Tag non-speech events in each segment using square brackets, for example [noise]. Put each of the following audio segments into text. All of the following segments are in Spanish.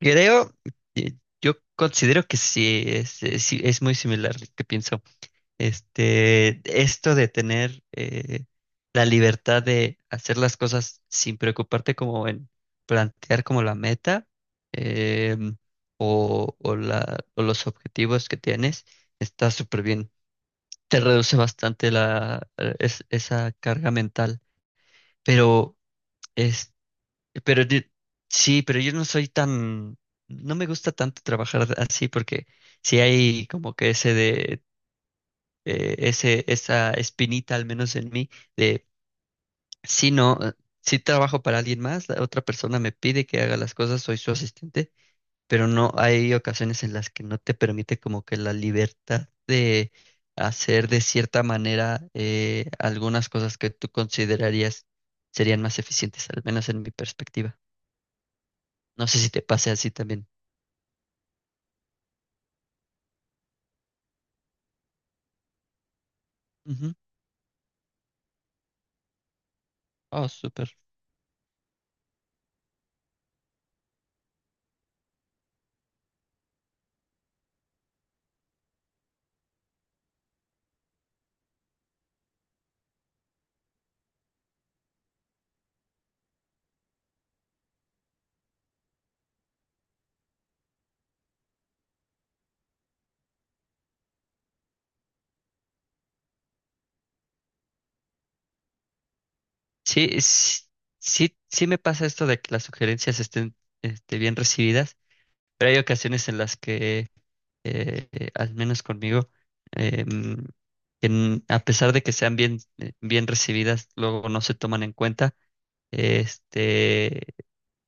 Creo, eh, yo considero que sí, es muy similar lo que pienso. Esto de tener la libertad de hacer las cosas sin preocuparte como en plantear como la meta em, o los objetivos que tienes, está súper bien. Te reduce bastante la, esa carga mental, pero pero sí, pero yo no soy tan, no me gusta tanto trabajar así porque si hay como que ese de, esa espinita al menos en mí de, si no, si trabajo para alguien más, la otra persona me pide que haga las cosas, soy su asistente, pero no hay ocasiones en las que no te permite como que la libertad de hacer de cierta manera algunas cosas que tú considerarías serían más eficientes, al menos en mi perspectiva. No sé si te pase así también. Ujú. Oh, súper. Sí, sí, sí, me pasa esto de que las sugerencias estén bien recibidas, pero hay ocasiones en las que, al menos conmigo, eh, mm, a pesar de que sean bien recibidas, luego no se toman en cuenta, este,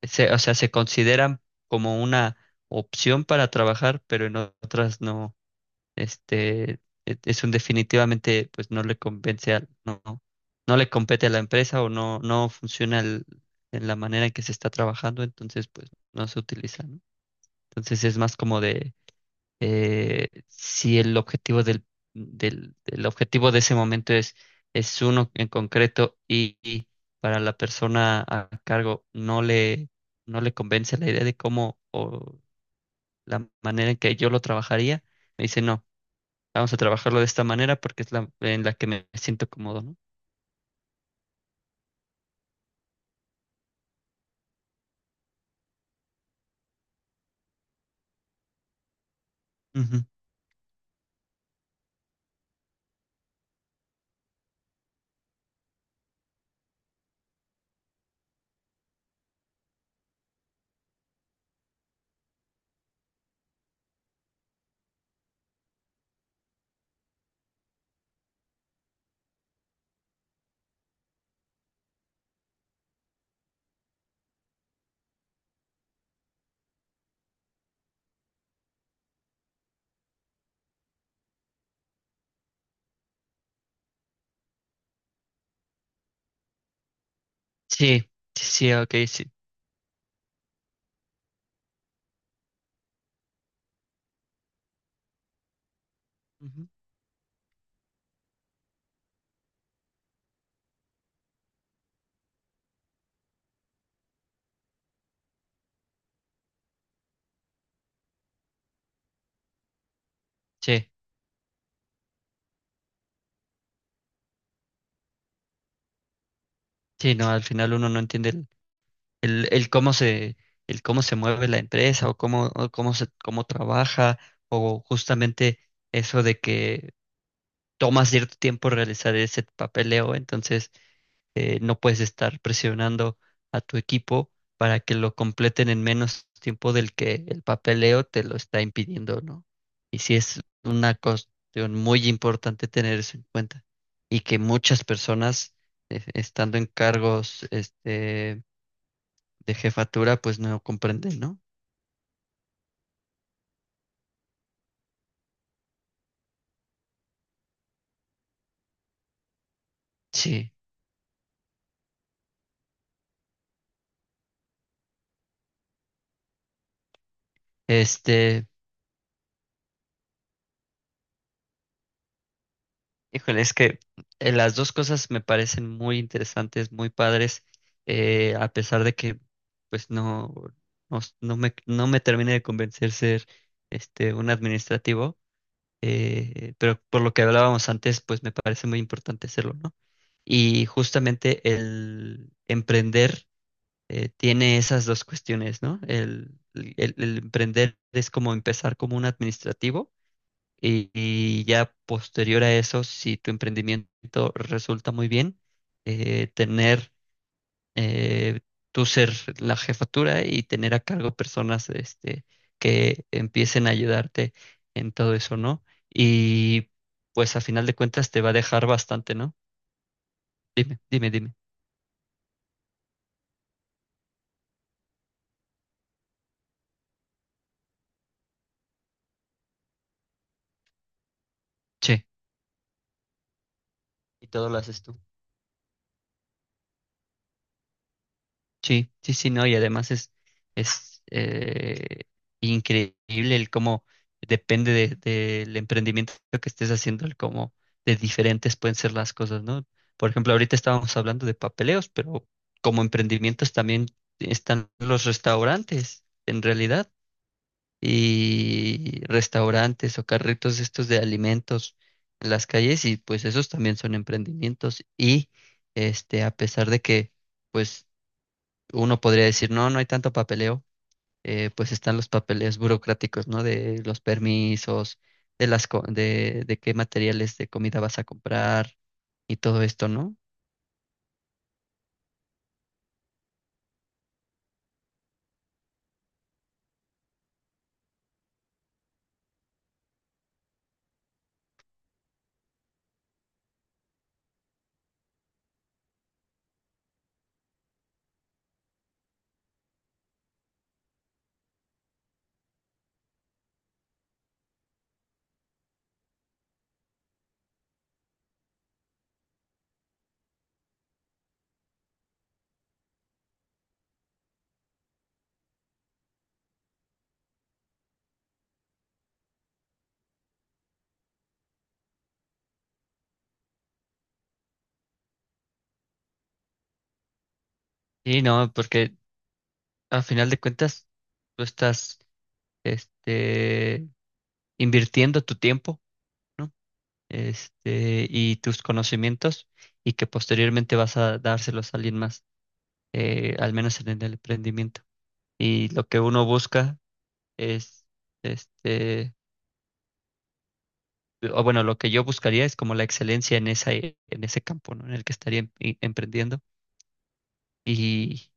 o sea, se consideran como una opción para trabajar, pero en otras no. Este, es un definitivamente, pues no le convence al, no le compete a la empresa o no funciona en la manera en que se está trabajando, entonces pues no se utiliza, ¿no? Entonces es más como de si el objetivo del objetivo de ese momento es uno en concreto y para la persona a cargo no le convence la idea de cómo o la manera en que yo lo trabajaría, me dice no. Vamos a trabajarlo de esta manera porque es la en la que me siento cómodo, ¿no? Ujú. Sí, sí, sí, ok, sí. Ujú. Sí, sí, no, al final uno no entiende el cómo se, el cómo se mueve la empresa o cómo se, cómo trabaja, o justamente eso de que toma cierto tiempo realizar ese papeleo, entonces no puedes estar presionando a tu equipo para que lo completen en menos tiempo del que el papeleo te lo está impidiendo, ¿no? Y sí es una cuestión muy importante tener eso en cuenta y que muchas personas estando en cargos de jefatura pues no comprenden, ¿no? Sí, este, híjole, es que las dos cosas me parecen muy interesantes, muy padres, a pesar de que pues no me termine de convencer ser un administrativo, pero por lo que hablábamos antes, pues me parece muy importante serlo, ¿no? Y justamente el emprender tiene esas dos cuestiones, ¿no? El emprender es como empezar como un administrativo y ya posterior a eso, si tu emprendimiento resulta muy bien, tener eh, tú ser la jefatura y tener a cargo personas que empiecen a ayudarte en todo eso, ¿no? Y pues a final de cuentas te va a dejar bastante, ¿no? Dime. Che. Y todo lo haces tú. Sí, sí, sí, no, y además es increíble el cómo depende del emprendimiento que estés haciendo, el cómo de diferentes pueden ser las cosas, ¿no? Por ejemplo, ahorita estábamos hablando de papeleos, pero como emprendimientos también están los restaurantes, en realidad, y restaurantes o carritos estos de alimentos en las calles, y pues esos también son emprendimientos, y a pesar de que pues uno podría decir, no, no hay tanto papeleo, pues están los papeles burocráticos, ¿no? De los permisos, de qué materiales de comida vas a comprar y todo esto, ¿no? Y no, porque al final de cuentas tú estás, este, invirtiendo tu tiempo, ¿no? Y tus conocimientos y que posteriormente vas a dárselos a alguien más, al menos en el emprendimiento. Y lo que uno busca es, este, o bueno, lo que yo buscaría es como la excelencia en esa, en ese campo, ¿no? En el que estaría emprendiendo. Y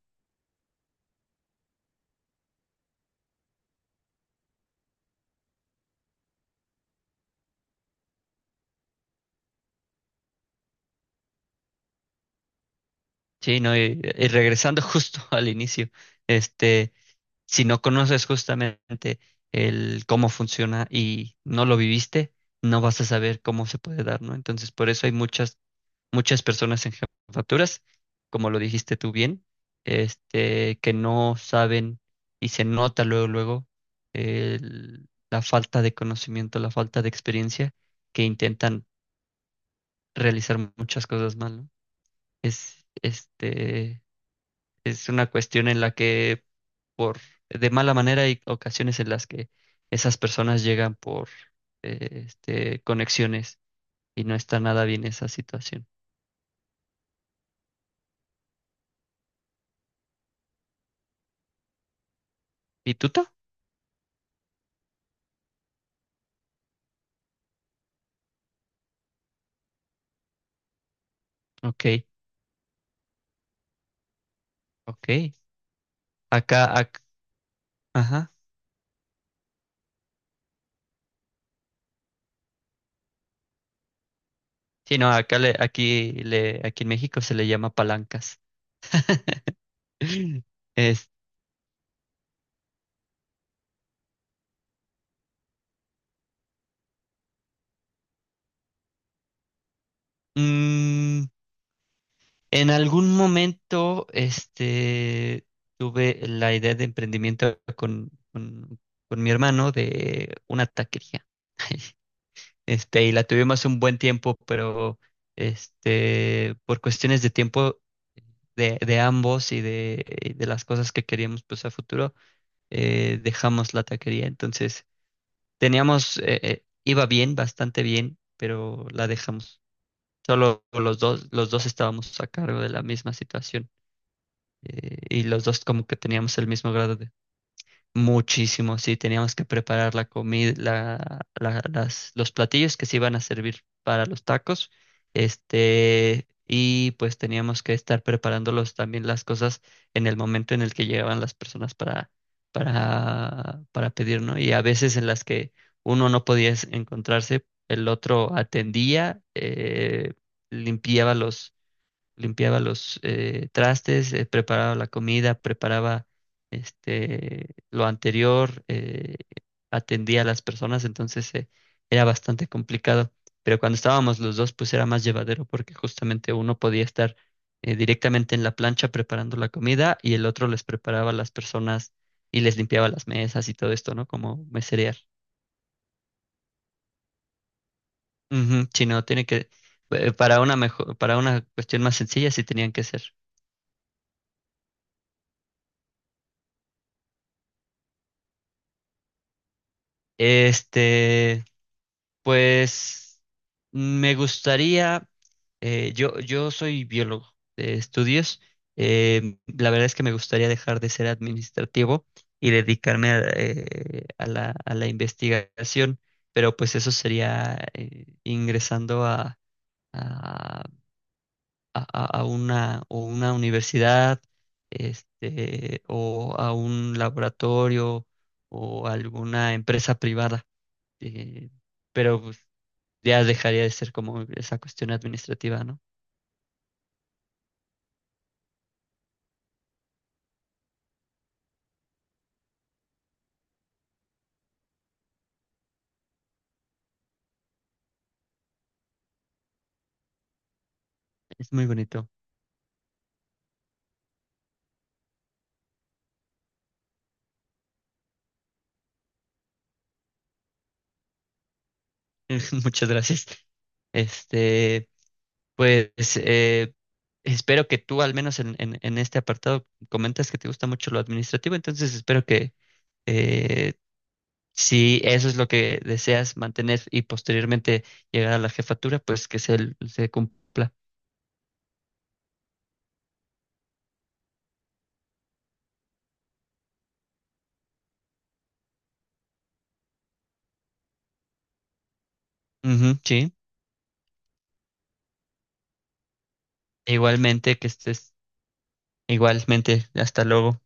sí, ¿no? Y regresando [laughs] justo al inicio, este, si no conoces justamente el cómo funciona y no lo viviste, no vas a saber cómo se puede dar, ¿no? Entonces, por eso hay muchas personas en jefaturas, como lo dijiste tú bien, que no saben y se nota luego, luego la falta de conocimiento, la falta de experiencia, que intentan realizar muchas cosas mal, ¿no? Es, este, es una cuestión en la que por de mala manera hay ocasiones en las que esas personas llegan por conexiones y no está nada bien esa situación. ¿Y tú? Ta? Ok, ok. Acá, ac- ajá. Sí, no, acá le, aquí en México se le llama palancas. [laughs] Es, mm, en algún momento, tuve la idea de emprendimiento con mi hermano de una taquería. [laughs] Y la tuvimos un buen tiempo, pero por cuestiones de tiempo de ambos y de las cosas que queríamos pues a futuro, dejamos la taquería. Entonces, teníamos, iba bien, bastante bien, pero la dejamos. Solo los dos estábamos a cargo de la misma situación y los dos como que teníamos el mismo grado. Muchísimo, sí, teníamos que preparar la comida, las, los platillos que se iban a servir para los tacos, y pues teníamos que estar preparándolos también las cosas en el momento en el que llegaban las personas para, para pedir, ¿no? Y a veces en las que uno no podía encontrarse, el otro atendía, limpiaba limpiaba los trastes, preparaba la comida, preparaba lo anterior, atendía a las personas, entonces era bastante complicado. Pero cuando estábamos los dos, pues era más llevadero porque justamente uno podía estar directamente en la plancha preparando la comida y el otro les preparaba a las personas y les limpiaba las mesas y todo esto, ¿no? Como meserear. Ujú, sí, no, tiene que, para una mejor, para una cuestión más sencilla, sí tenían que ser. Este, Pues me gustaría, yo soy biólogo de estudios, la verdad es que me gustaría dejar de ser administrativo y dedicarme a, a la investigación, pero pues eso sería ingresando a, a una, o una universidad, o a un laboratorio o alguna empresa privada. eh, pero pues, ya dejaría de ser como esa cuestión administrativa, ¿no? Es muy bonito. [laughs] Muchas gracias. Este, pues eh, espero que tú, al menos en este apartado, comentas que te gusta mucho lo administrativo, entonces espero que eh, si eso es lo que deseas mantener y posteriormente llegar a la jefatura, pues que se cumpla. Ujú, sí, igualmente, que estés igualmente. Hasta luego.